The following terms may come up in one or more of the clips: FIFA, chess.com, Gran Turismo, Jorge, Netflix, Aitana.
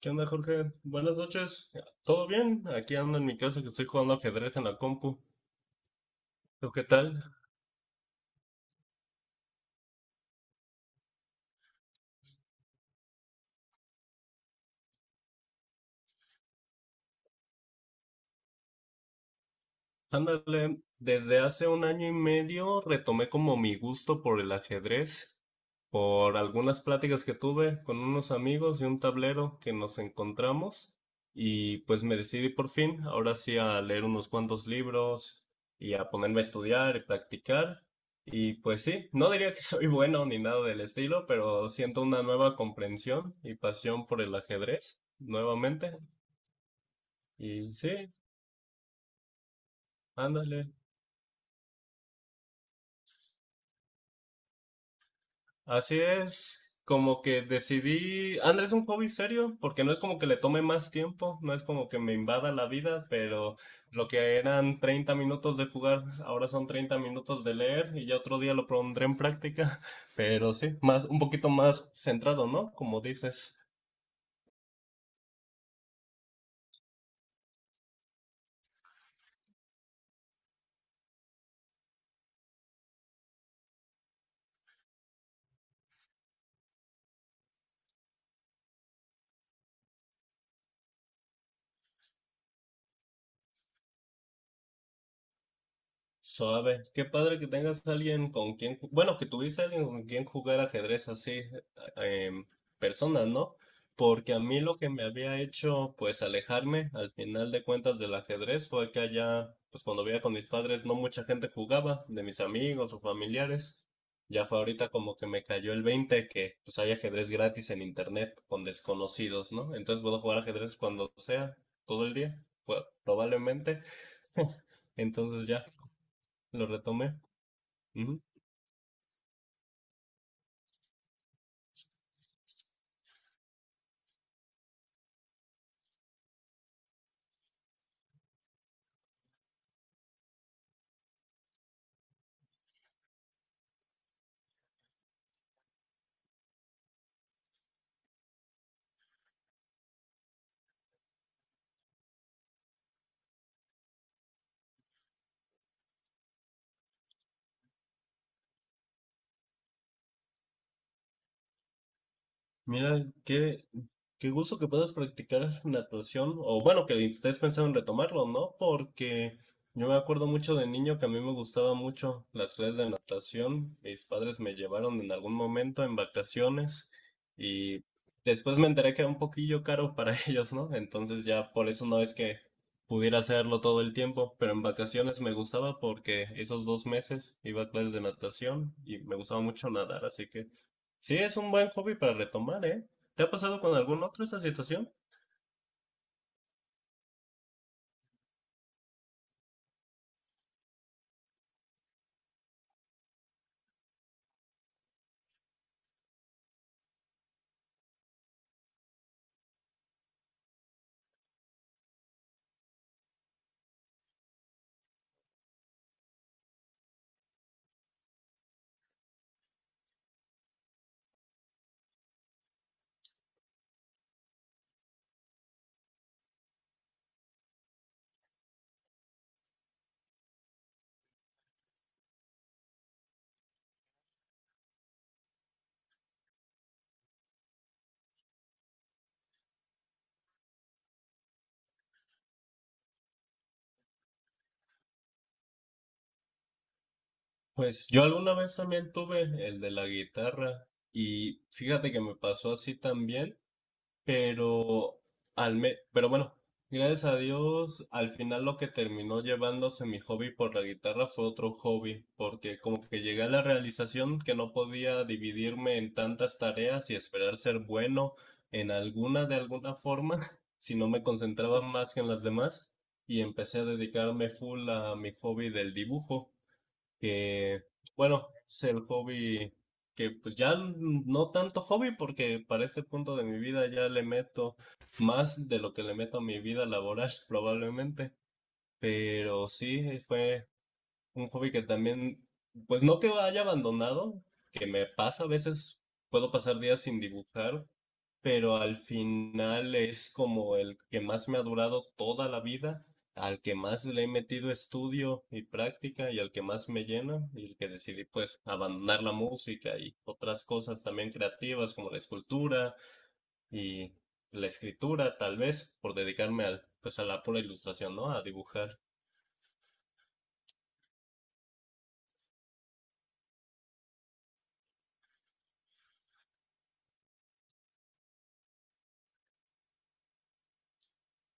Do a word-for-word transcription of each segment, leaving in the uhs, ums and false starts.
¿Qué onda, Jorge? Buenas noches. ¿Todo bien? Aquí ando en mi casa que estoy jugando ajedrez en la compu. ¿Tú qué tal? Ándale, desde hace un año y medio retomé como mi gusto por el ajedrez, por algunas pláticas que tuve con unos amigos y un tablero que nos encontramos y pues me decidí por fin, ahora sí, a leer unos cuantos libros y a ponerme a estudiar y practicar. Y pues sí, no diría que soy bueno ni nada del estilo, pero siento una nueva comprensión y pasión por el ajedrez nuevamente. Y sí, ándale. Así es, como que decidí, Andrés es un hobby serio, porque no es como que le tome más tiempo, no es como que me invada la vida, pero lo que eran treinta minutos de jugar, ahora son treinta minutos de leer y ya otro día lo pondré en práctica, pero sí, más, un poquito más centrado, ¿no? Como dices. Suave. Qué padre que tengas alguien con quien, ju- bueno, que tuviese alguien con quien jugar ajedrez así, eh, em, personas, ¿no? Porque a mí lo que me había hecho, pues, alejarme al final de cuentas del ajedrez fue que allá, pues, cuando vivía con mis padres, no mucha gente jugaba, de mis amigos o familiares. Ya fue ahorita como que me cayó el veinte que, pues, hay ajedrez gratis en internet con desconocidos, ¿no? Entonces puedo jugar ajedrez cuando sea, todo el día, pues, probablemente. Entonces ya lo retomé. Ujú. Mira, qué, qué gusto que puedas practicar natación, o bueno, que estés pensando en retomarlo, ¿no? Porque yo me acuerdo mucho de niño que a mí me gustaba mucho las clases de natación. Mis padres me llevaron en algún momento en vacaciones y después me enteré que era un poquillo caro para ellos, ¿no? Entonces ya por eso no es que pudiera hacerlo todo el tiempo, pero en vacaciones me gustaba porque esos dos meses iba a clases de natación y me gustaba mucho nadar, así que... Sí, es un buen hobby para retomar, ¿eh? ¿Te ha pasado con algún otro esa situación? Pues yo alguna vez también tuve el de la guitarra y fíjate que me pasó así también. Pero, al me- pero bueno, gracias a Dios, al final lo que terminó llevándose mi hobby por la guitarra fue otro hobby, porque como que llegué a la realización que no podía dividirme en tantas tareas y esperar ser bueno en alguna de alguna forma, si no me concentraba más que en las demás, y empecé a dedicarme full a mi hobby del dibujo que, bueno, es el hobby que pues ya no tanto hobby porque para este punto de mi vida ya le meto más de lo que le meto a mi vida laboral probablemente, pero sí eh, fue un hobby que también, pues no que haya abandonado, que me pasa a veces, puedo pasar días sin dibujar, pero al final es como el que más me ha durado toda la vida, al que más le he metido estudio y práctica y al que más me llena y el que decidí pues abandonar la música y otras cosas también creativas como la escultura y la escritura tal vez por dedicarme al pues a la pura ilustración, ¿no? A dibujar.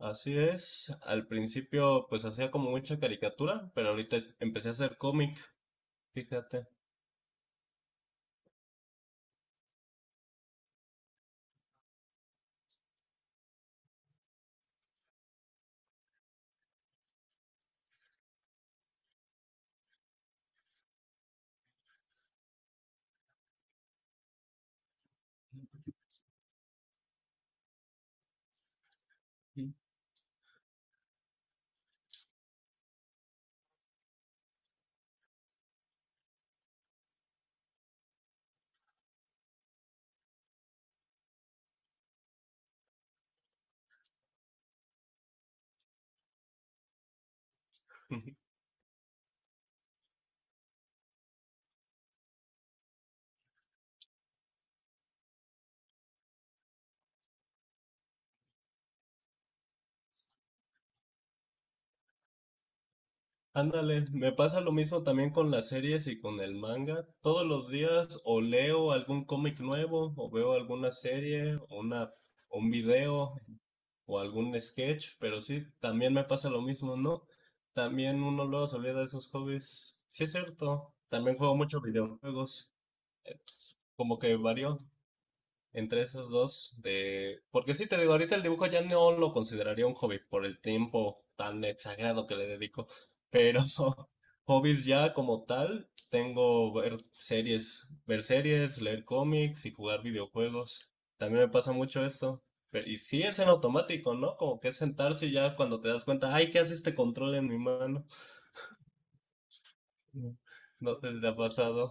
Así es, al principio pues hacía como mucha caricatura, pero ahorita es- empecé a hacer cómic, fíjate. Mm. Ándale, me pasa lo mismo también con las series y con el manga. Todos los días o leo algún cómic nuevo, o veo alguna serie, o una, un video, o algún sketch, pero sí, también me pasa lo mismo, ¿no? También uno luego se olvida de esos hobbies. Sí es cierto, también juego mucho videojuegos, como que varió entre esos dos de... Porque sí, te digo, ahorita el dibujo ya no lo consideraría un hobby por el tiempo tan exagerado que le dedico, pero hobbies ya como tal, tengo ver series, ver series, leer cómics y jugar videojuegos. También me pasa mucho esto. Pero- y sí, es en automático, ¿no? Como que es sentarse y ya cuando te das cuenta, ay, ¿qué hace este control en mi mano? No sé si te ha pasado.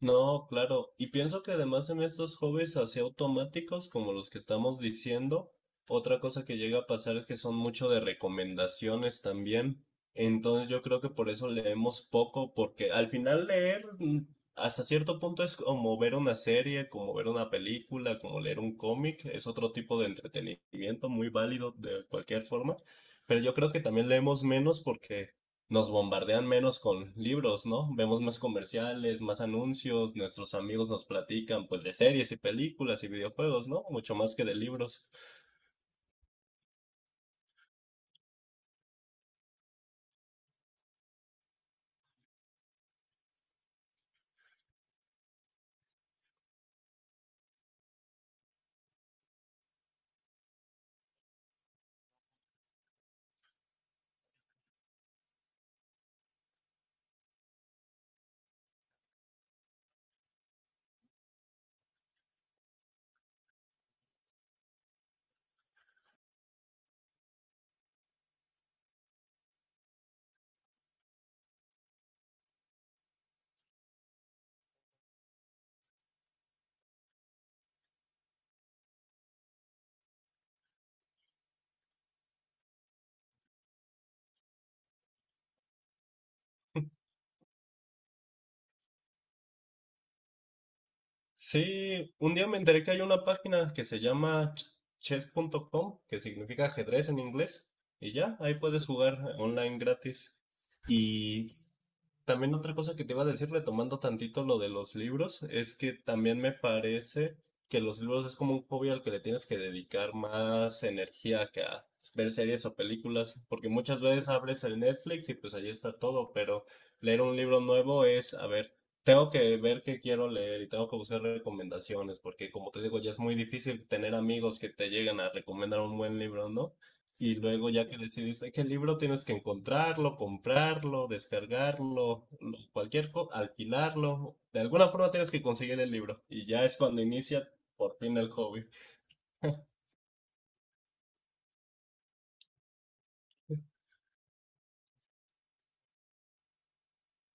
No, claro. Y pienso que además en estos hobbies así automáticos como los que estamos diciendo, otra cosa que llega a pasar es que son mucho de recomendaciones también. Entonces yo creo que por eso leemos poco, porque al final leer mm, hasta cierto punto es como ver una serie, como ver una película, como leer un cómic, es otro tipo de entretenimiento muy válido de cualquier forma. Pero yo creo que también leemos menos porque nos bombardean menos con libros, ¿no? Vemos más comerciales, más anuncios, nuestros amigos nos platican pues de series y películas y videojuegos, ¿no? Mucho más que de libros. Sí, un día me enteré que hay una página que se llama ch- chess punto com, que significa ajedrez en inglés, y ya, ahí puedes jugar online gratis. Y también otra cosa que te iba a decir, retomando tantito lo de los libros, es que también me parece que los libros es como un hobby al que le tienes que dedicar más energía que a ver series o películas, porque muchas veces abres el Netflix y pues ahí está todo, pero leer un libro nuevo es, a ver, tengo que ver qué quiero leer y tengo que buscar recomendaciones, porque como te digo, ya es muy difícil tener amigos que te lleguen a recomendar un buen libro, ¿no? Y luego ya que decides eh, qué libro tienes que encontrarlo, comprarlo, descargarlo, lo- cualquier co- alquilarlo. De alguna forma tienes que conseguir el libro. Y ya es cuando inicia por fin el hobby.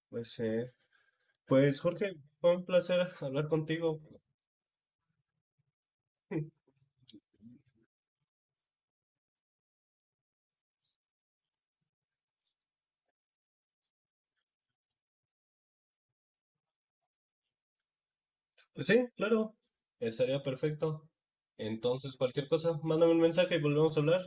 Pues, sí, pues Jorge, fue un placer hablar contigo. Pues sí, claro, estaría perfecto. Entonces, cualquier cosa, mándame un mensaje y volvemos a hablar.